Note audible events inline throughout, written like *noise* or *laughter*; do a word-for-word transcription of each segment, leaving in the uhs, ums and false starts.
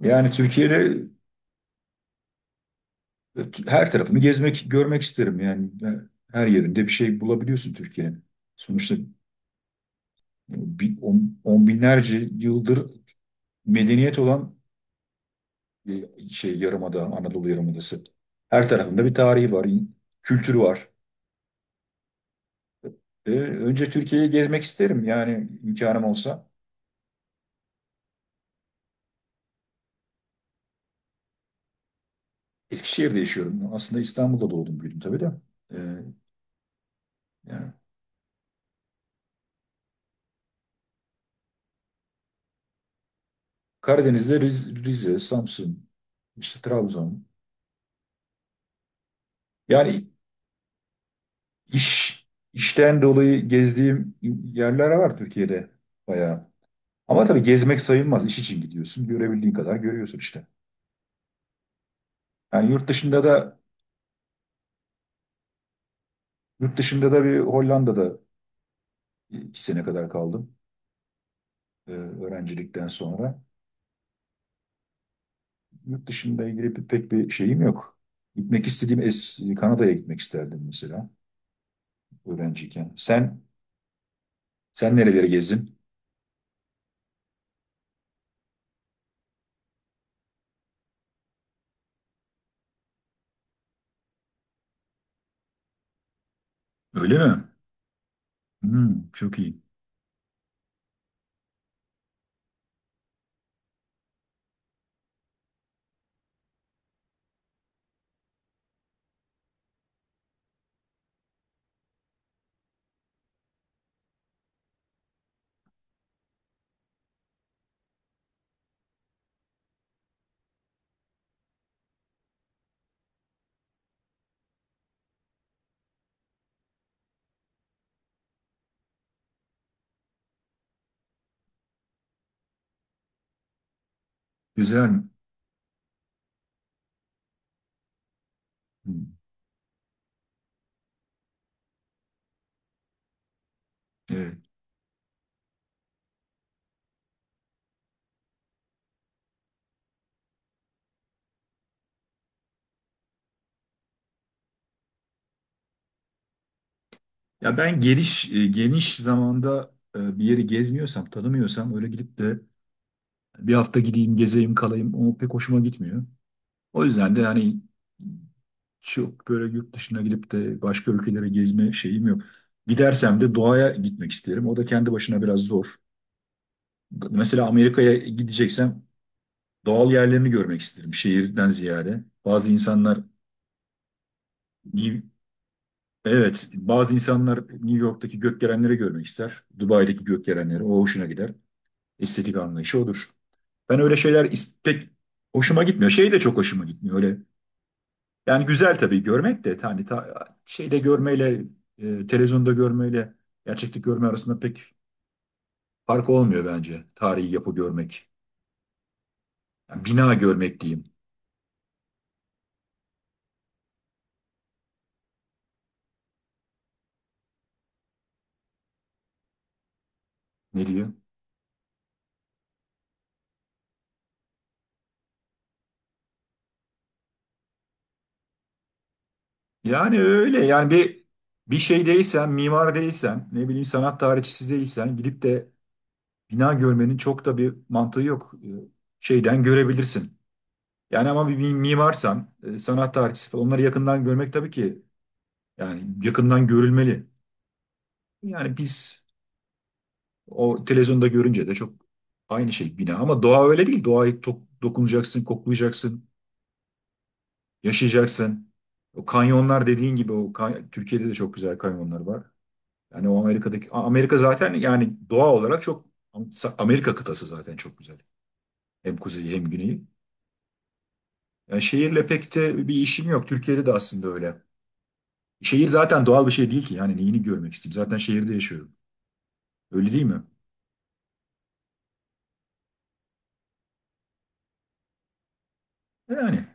Yani Türkiye'de her tarafını gezmek, görmek isterim. Yani ben- her yerinde bir şey bulabiliyorsun Türkiye'nin. Sonuçta e, bi- on, on binlerce yıldır medeniyet olan e, şey yarımada, Anadolu Yarımadası. Her tarafında bir tarihi var, in- kültürü var. E, önce Türkiye'yi gezmek isterim yani imkanım olsa. Eskişehir'de yaşıyorum. Aslında İstanbul'da doğdum büyüdüm tabii de. E, Yani Karadeniz'de Riz- Rize, Samsun, işte Trabzon. Yani İş, işten dolayı gezdiğim yerler var Türkiye'de bayağı. Ama tabii gezmek sayılmaz. İş için gidiyorsun. Görebildiğin kadar görüyorsun işte. Yani yurt dışında da yurt dışında da bir Hollanda'da iki sene kadar kaldım e, öğrencilikten sonra. Yurt dışında ilgili bir- pek bir şeyim yok. Gitmek istediğim es Kanada'ya gitmek isterdim mesela öğrenciyken. Sen sen nereleri gezdin? Öyle mi? Hmm, çok iyi. Güzel. Hmm, evet. Ya ben geniş e, geniş zamanda e, bir yeri gezmiyorsam, tanımıyorsam öyle gidip de bir hafta gideyim, gezeyim, kalayım o pek hoşuma gitmiyor. O yüzden de hani çok böyle yurt dışına gidip de başka ülkelere gezme şeyim yok. Gidersem de doğaya gitmek isterim. O da kendi başına biraz zor. Mesela Amerika'ya gideceksem doğal yerlerini görmek isterim şehirden ziyade. Bazı insanlar New- evet, bazı insanlar New York'taki gökdelenleri görmek ister. Dubai'deki gökdelenleri o hoşuna gider. Estetik anlayışı odur. Ben öyle şeyler is- pek hoşuma gitmiyor. Şey de çok hoşuma gitmiyor. Öyle yani güzel tabii görmek de hani ta, şeyde görmeyle e, televizyonda görmeyle gerçeklik görme arasında pek fark olmuyor bence. Tarihi yapı görmek. Yani bina görmek diyeyim. Ne diyor? Yani öyle yani bir bir şey değilsen, mimar değilsen, ne bileyim sanat tarihçisi değilsen gidip de bina görmenin çok da bir mantığı yok. E, Şeyden görebilirsin. Yani ama bir mi- mimarsan, e, sanat tarihçisi falan onları yakından görmek tabii ki yani yakından görülmeli. Yani biz o televizyonda görünce de çok aynı şey bina ama doğa öyle değil. Doğayı to- dokunacaksın, koklayacaksın, yaşayacaksın. O kanyonlar dediğin gibi o kany- Türkiye'de de çok güzel kanyonlar var. Yani o Amerika'daki A- Amerika zaten yani doğa olarak çok Amerika kıtası zaten çok güzel. Hem kuzeyi hem güneyi. Yani şehirle pek de bir işim yok. Türkiye'de de aslında öyle. Şehir zaten doğal bir şey değil ki. Yani neyini görmek isteyeyim? Zaten şehirde yaşıyorum. Öyle değil mi? Yani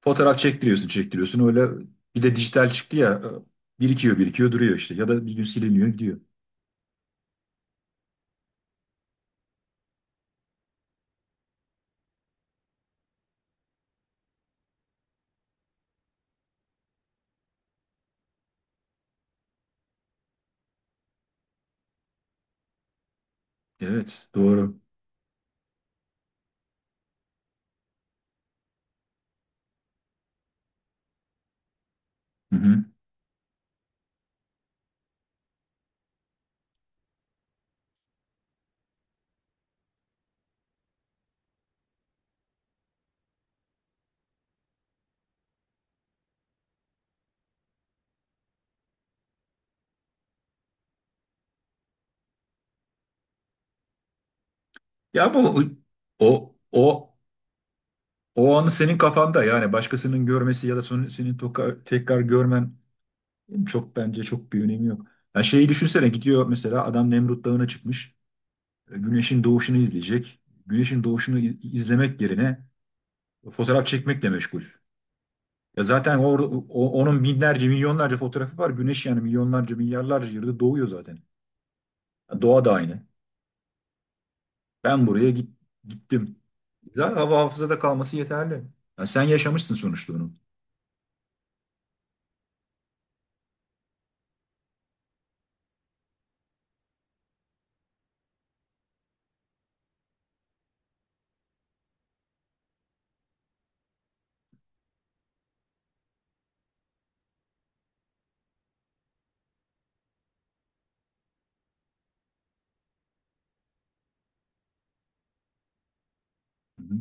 fotoğraf çektiriyorsun, çektiriyorsun. Öyle bir de dijital çıktı ya. e, Birikiyor, birikiyor, duruyor işte. Ya da bir gün siliniyor, gidiyor. Evet, doğru. Hı hı. Ya bu o o o anı senin kafanda yani başkasının görmesi ya da son- senin toka- tekrar görmen çok bence çok bir önemi yok. Ya şeyi düşünsene gidiyor mesela adam Nemrut Dağı'na çıkmış. e, Güneşin doğuşunu izleyecek. Güneşin doğuşunu iz- izlemek yerine fotoğraf çekmekle meşgul. Ya zaten or, o- onun binlerce, milyonlarca fotoğrafı var. Güneş yani milyonlarca, milyarlarca yılda doğuyor zaten. Ya doğa da aynı. Ben buraya git, gittim. Güzel hava hafızada kalması yeterli. Ya sen yaşamışsın sonuçta onu. Hı hı.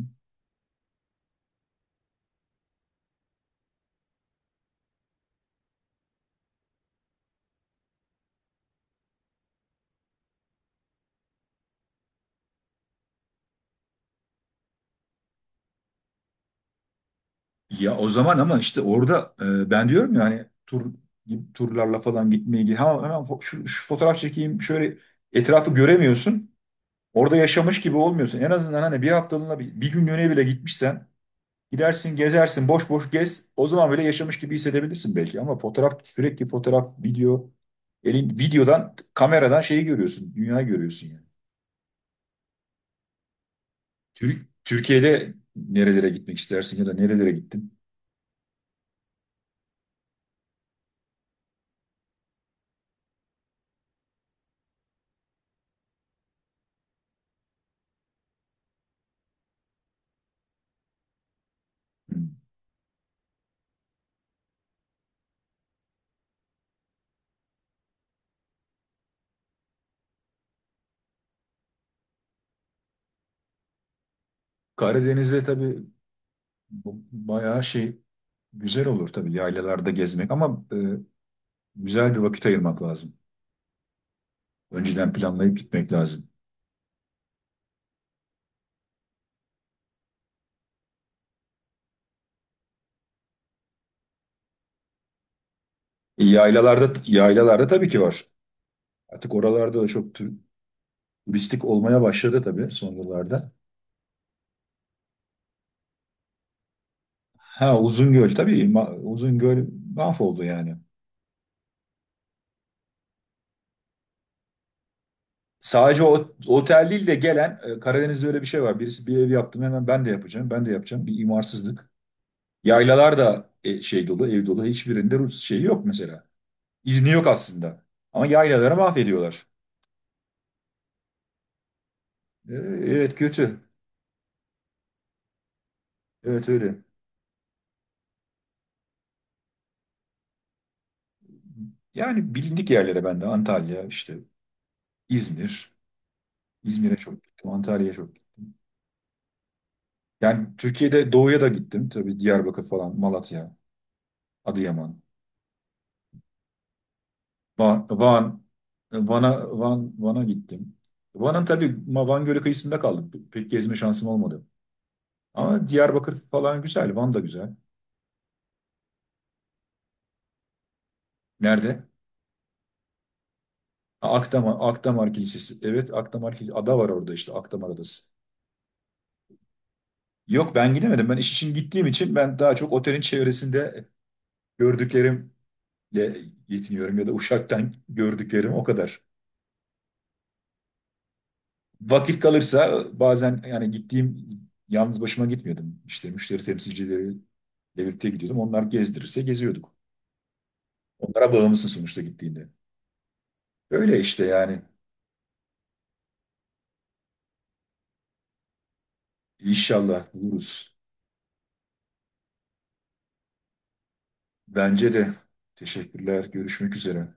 Ya o zaman ama işte orada e, ben diyorum ya hani tur gibi turlarla falan gitmeyi hemen, hemen fo- şu, şu fotoğraf çekeyim şöyle etrafı göremiyorsun. Orada yaşamış gibi olmuyorsun. En azından hani bir haftalığına bir, bir günlüğüne bile gitmişsen gidersin, gezersin, boş boş gez. O zaman böyle yaşamış gibi hissedebilirsin belki. Ama fotoğraf, sürekli fotoğraf, video, elin videodan, kameradan şeyi görüyorsun, dünyayı görüyorsun yani. Tür- Türkiye'de nerelere gitmek istersin ya da nerelere gittin? Hmm. Karadeniz'de tabii bu bayağı şey güzel olur tabii yaylalarda gezmek ama e, güzel bir vakit ayırmak lazım. Önceden planlayıp gitmek lazım. E, yaylalarda yaylalarda tabii ki var. Artık oralarda da çok tu- turistik olmaya başladı tabii son yıllarda. Ha Uzungöl tabii ma- Uzungöl mahvoldu yani. Sadece o otel değil de gelen e, Karadeniz'de öyle bir şey var. Birisi bir ev yaptım hemen ben de yapacağım. Ben de yapacağım. Bir imarsızlık. Yaylalar da e, şey dolu, ev dolu. Hiçbirinde Rus şeyi yok mesela. İzni yok aslında. Ama yaylaları mahvediyorlar. E, Evet kötü. Evet öyle. Yani bilindik yerlere ben de Antalya işte İzmir. İzmir'e çok gittim. Antalya'ya çok gittim. Yani Türkiye'de doğuya da gittim. Tabii Diyarbakır falan, Malatya, Adıyaman. Van, Van, Van'a, Van, Van'a gittim. Van'ın tabii Ma- Van Gölü kıyısında kaldık. Pek gezme şansım olmadı. Ama Diyarbakır falan güzel, Van da güzel. Nerede? Ha, Akdamar, Akdamar Kilisesi. Evet, Akdamar Kilisesi. Ada var orada işte, Akdamar Adası. Yok ben gidemedim. Ben iş için gittiğim için ben daha çok otelin çevresinde gördüklerimle yetiniyorum ya da uçaktan *laughs* gördüklerim o kadar. Vakit kalırsa bazen yani gittiğim yalnız başıma gitmiyordum. İşte müşteri temsilcileri devlette gidiyordum. Onlar gezdirirse geziyorduk. Onlara bağımlısın sonuçta gittiğinde. Öyle işte yani. İnşallah buluruz. Bence de. Teşekkürler. Görüşmek üzere.